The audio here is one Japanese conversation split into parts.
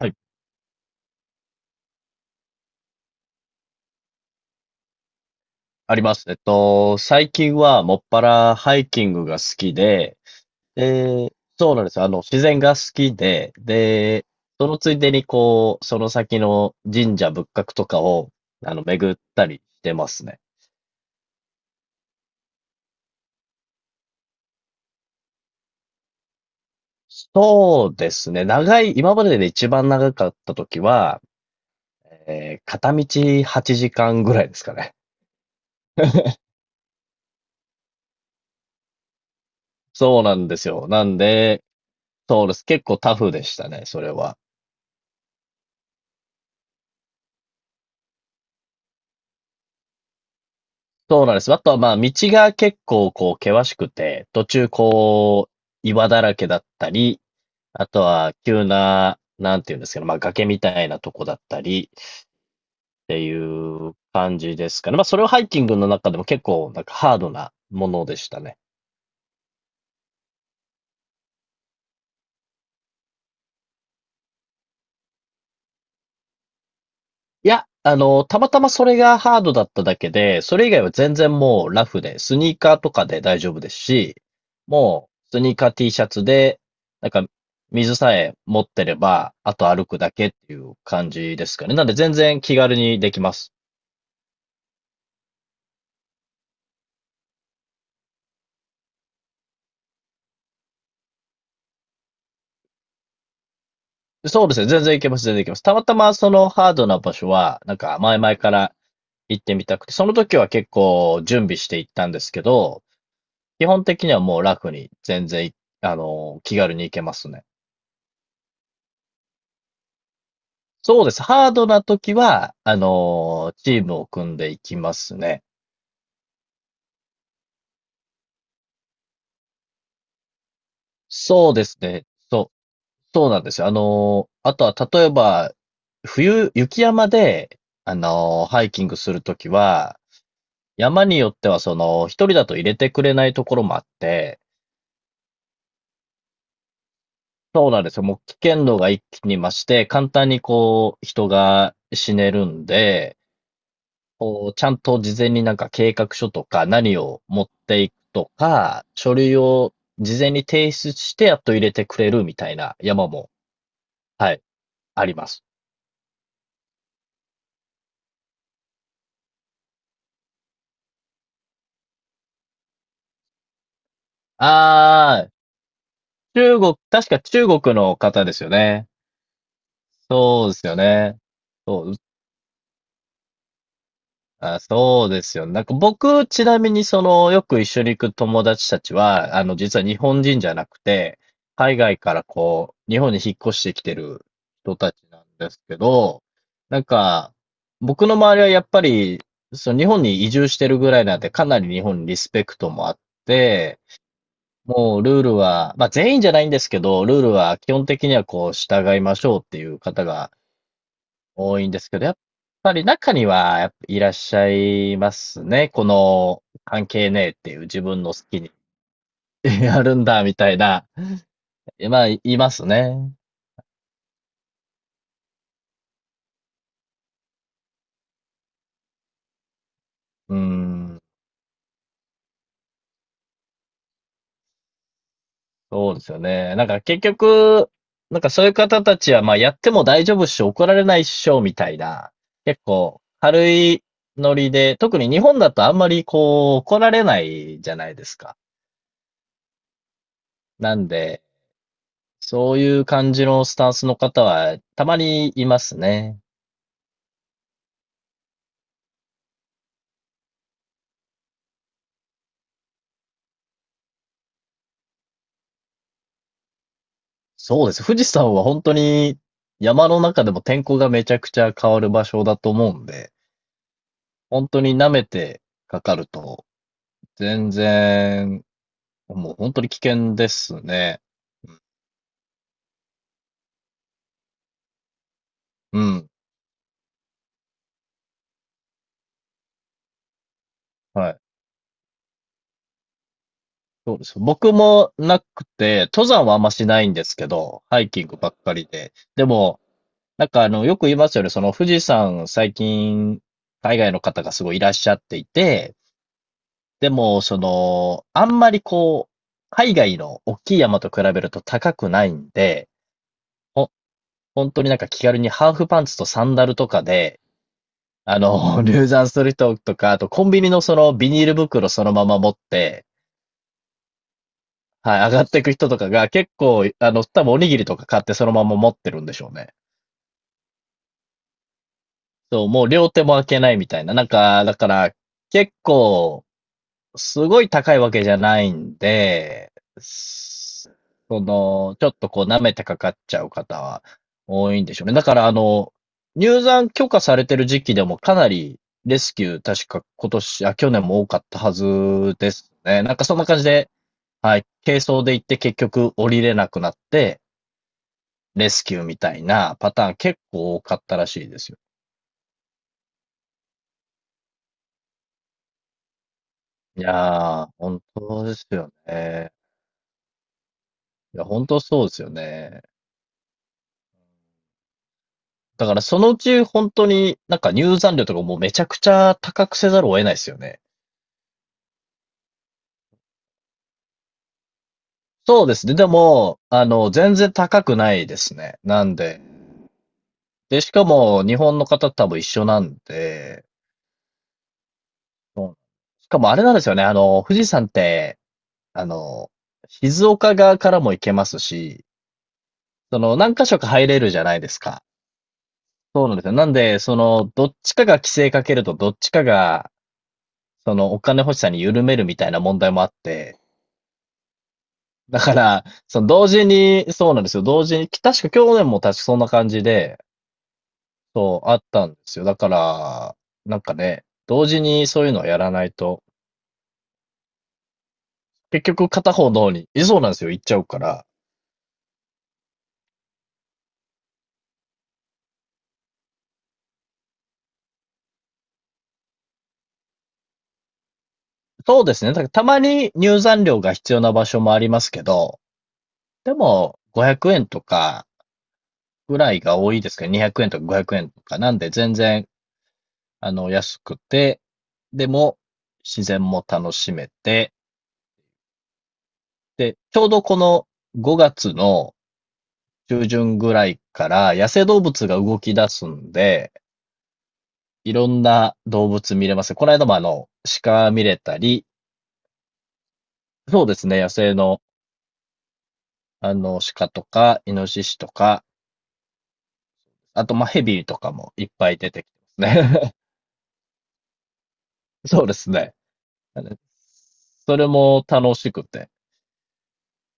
はい、あります。最近はもっぱらハイキングが好きで、で、そうなんですよ。自然が好きで、で、そのついでにこう、その先の神社仏閣とかを、巡ったりしてますね。そうですね。長い、今までで一番長かった時は、片道8時間ぐらいですかね。そうなんですよ。なんで、そうです。結構タフでしたね、それは。そうなんです。あとはまあ、道が結構こう、険しくて、途中こう、岩だらけだったり、あとは急な、なんていうんですけど、まあ、崖みたいなとこだったりっていう感じですかね。まあ、それをハイキングの中でも結構なんかハードなものでしたね。いや、たまたまそれがハードだっただけで、それ以外は全然もうラフで、スニーカーとかで大丈夫ですし、もうスニーカー T シャツで、なんか水さえ持ってれば、あと歩くだけっていう感じですかね。なんで全然気軽にできます。そうですね、全然いけます、全然いけます。たまたまそのハードな場所は、なんか前々から行ってみたくて、その時は結構準備して行ったんですけど、基本的にはもうラフに全然い、気軽に行けますね。そうです。ハードな時は、チームを組んでいきますね。そうですね。そう、そうなんですよ。あとは、例えば、冬、雪山で、ハイキングするときは、山によっては、その、一人だと入れてくれないところもあって、そうなんですよ。もう危険度が一気に増して、簡単にこう、人が死ねるんで、こう、ちゃんと事前になんか計画書とか何を持っていくとか、書類を事前に提出してやっと入れてくれるみたいな山も、はい、あります。あー、中国、確か中国の方ですよね。そうですよね。そう、あ、そうですよ。なんか僕、ちなみにその、よく一緒に行く友達たちは、実は日本人じゃなくて、海外からこう、日本に引っ越してきてる人たちなんですけど、なんか、僕の周りはやっぱり、その日本に移住してるぐらいなんで、かなり日本にリスペクトもあって、もうルールは、まあ全員じゃないんですけど、ルールは基本的にはこう、従いましょうっていう方が多いんですけど、やっぱり中には、やっぱいらっしゃいますね。この、関係ねえっていう自分の好きに やるんだ、みたいな。まあ、いますね。うん。そうですよね。なんか結局、なんかそういう方たちは、まあやっても大丈夫っしょ、怒られないっしょ、みたいな。結構、軽いノリで、特に日本だとあんまりこう、怒られないじゃないですか。なんで、そういう感じのスタンスの方は、たまにいますね。そうです。富士山は本当に山の中でも天候がめちゃくちゃ変わる場所だと思うんで、本当に舐めてかかると、全然、もう本当に危険ですね。うん。はい。そうです。僕もなくて、登山はあんましないんですけど、ハイキングばっかりで。でも、なんかよく言いますよね。その富士山最近、海外の方がすごいいらっしゃっていて、でも、その、あんまりこう、海外の大きい山と比べると高くないんで、ほ、本当になんか気軽にハーフパンツとサンダルとかで、あの、入山する人とか、あとコンビニのそのビニール袋そのまま持って、はい、上がっていく人とかが結構、多分おにぎりとか買ってそのまま持ってるんでしょうね。そう、もう両手も開けないみたいな。なんか、だから、結構、すごい高いわけじゃないんで、その、ちょっとこう舐めてかかっちゃう方は多いんでしょうね。だから入山許可されてる時期でもかなりレスキュー確か今年、あ、去年も多かったはずですね。なんかそんな感じで、はい、軽装で行って結局降りれなくなって、レスキューみたいなパターン結構多かったらしいですよ。いやー、本当ですよね。いや、本当そうですよね。だからそのうち本当になんか入山料とかもうめちゃくちゃ高くせざるを得ないですよね。そうですね。でも、全然高くないですね。なんで。で、しかも日本の方と多分一緒なんで、うん、しかもあれなんですよね。富士山って、あの、静岡側からも行けますし、その何箇所か入れるじゃないですか。そうなんですよ。なんで、その、どっちかが規制かけると、どっちかが、その、お金欲しさに緩めるみたいな問題もあって、だから、その同時に、そうなんですよ。同時に、確か去年も確かそんな感じで、そう、あったんですよ。だから、なんかね、同時にそういうのをやらないと、結局片方の方に、えそうなんですよ、行っちゃうから。そうですね。だからたまに入山料が必要な場所もありますけど、でも、500円とかぐらいが多いですけど、200円とか500円とか、なんで全然、安くて、でも、自然も楽しめて、で、ちょうどこの5月の中旬ぐらいから野生動物が動き出すんで、いろんな動物見れます。この間も鹿見れたり、そうですね、野生の鹿とか、イノシシとか、あとまあヘビとかもいっぱい出てきてますね。そうですね。あの、それも楽しくて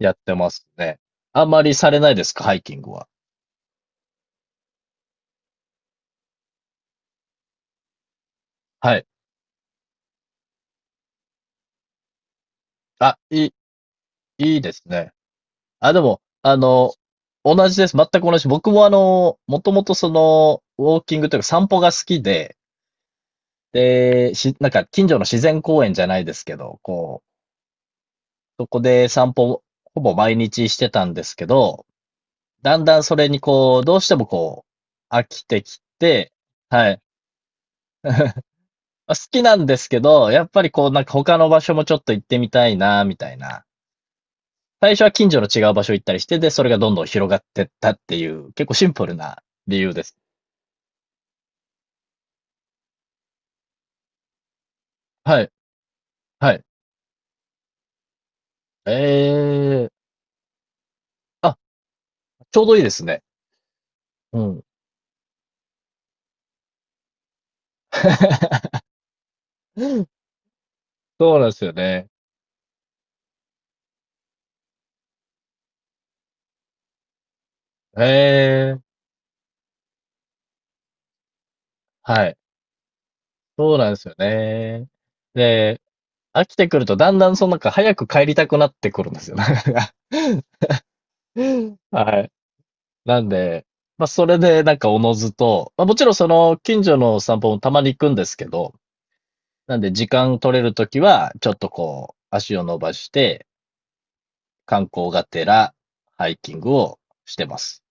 やってますね。あんまりされないですか、ハイキングは。はい。あ、いい、いいですね。あ、でも、同じです。全く同じ。僕ももともとその、ウォーキングというか散歩が好きで、で、し、なんか近所の自然公園じゃないですけど、こう、そこで散歩、ほぼ毎日してたんですけど、だんだんそれにこう、どうしてもこう、飽きてきて、はい。まあ好きなんですけど、やっぱりこう、なんか他の場所もちょっと行ってみたいな、みたいな。最初は近所の違う場所行ったりして、で、それがどんどん広がってったっていう、結構シンプルな理由です。はい。はい。ええ。あ、ちょうどいいですね。うん。そうなんですよね。え。はい。そうなんですよね。で、飽きてくるとだんだんそのなんか早く帰りたくなってくるんですよ。なんか はい。なんで、ま、それでなんかおのずと、ま、もちろんその近所の散歩もたまに行くんですけど、なんで時間取れる時は、ちょっとこう、足を伸ばして、観光がてらハイキングをしてます。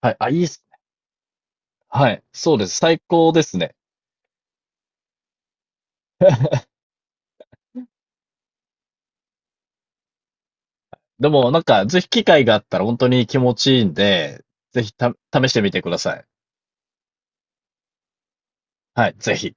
はい。あ、いいっすね。はい。そうです。最高ですね。でも、なんか、ぜひ機会があったら本当に気持ちいいんで、ぜひた、試してみてください。はい、ぜひ。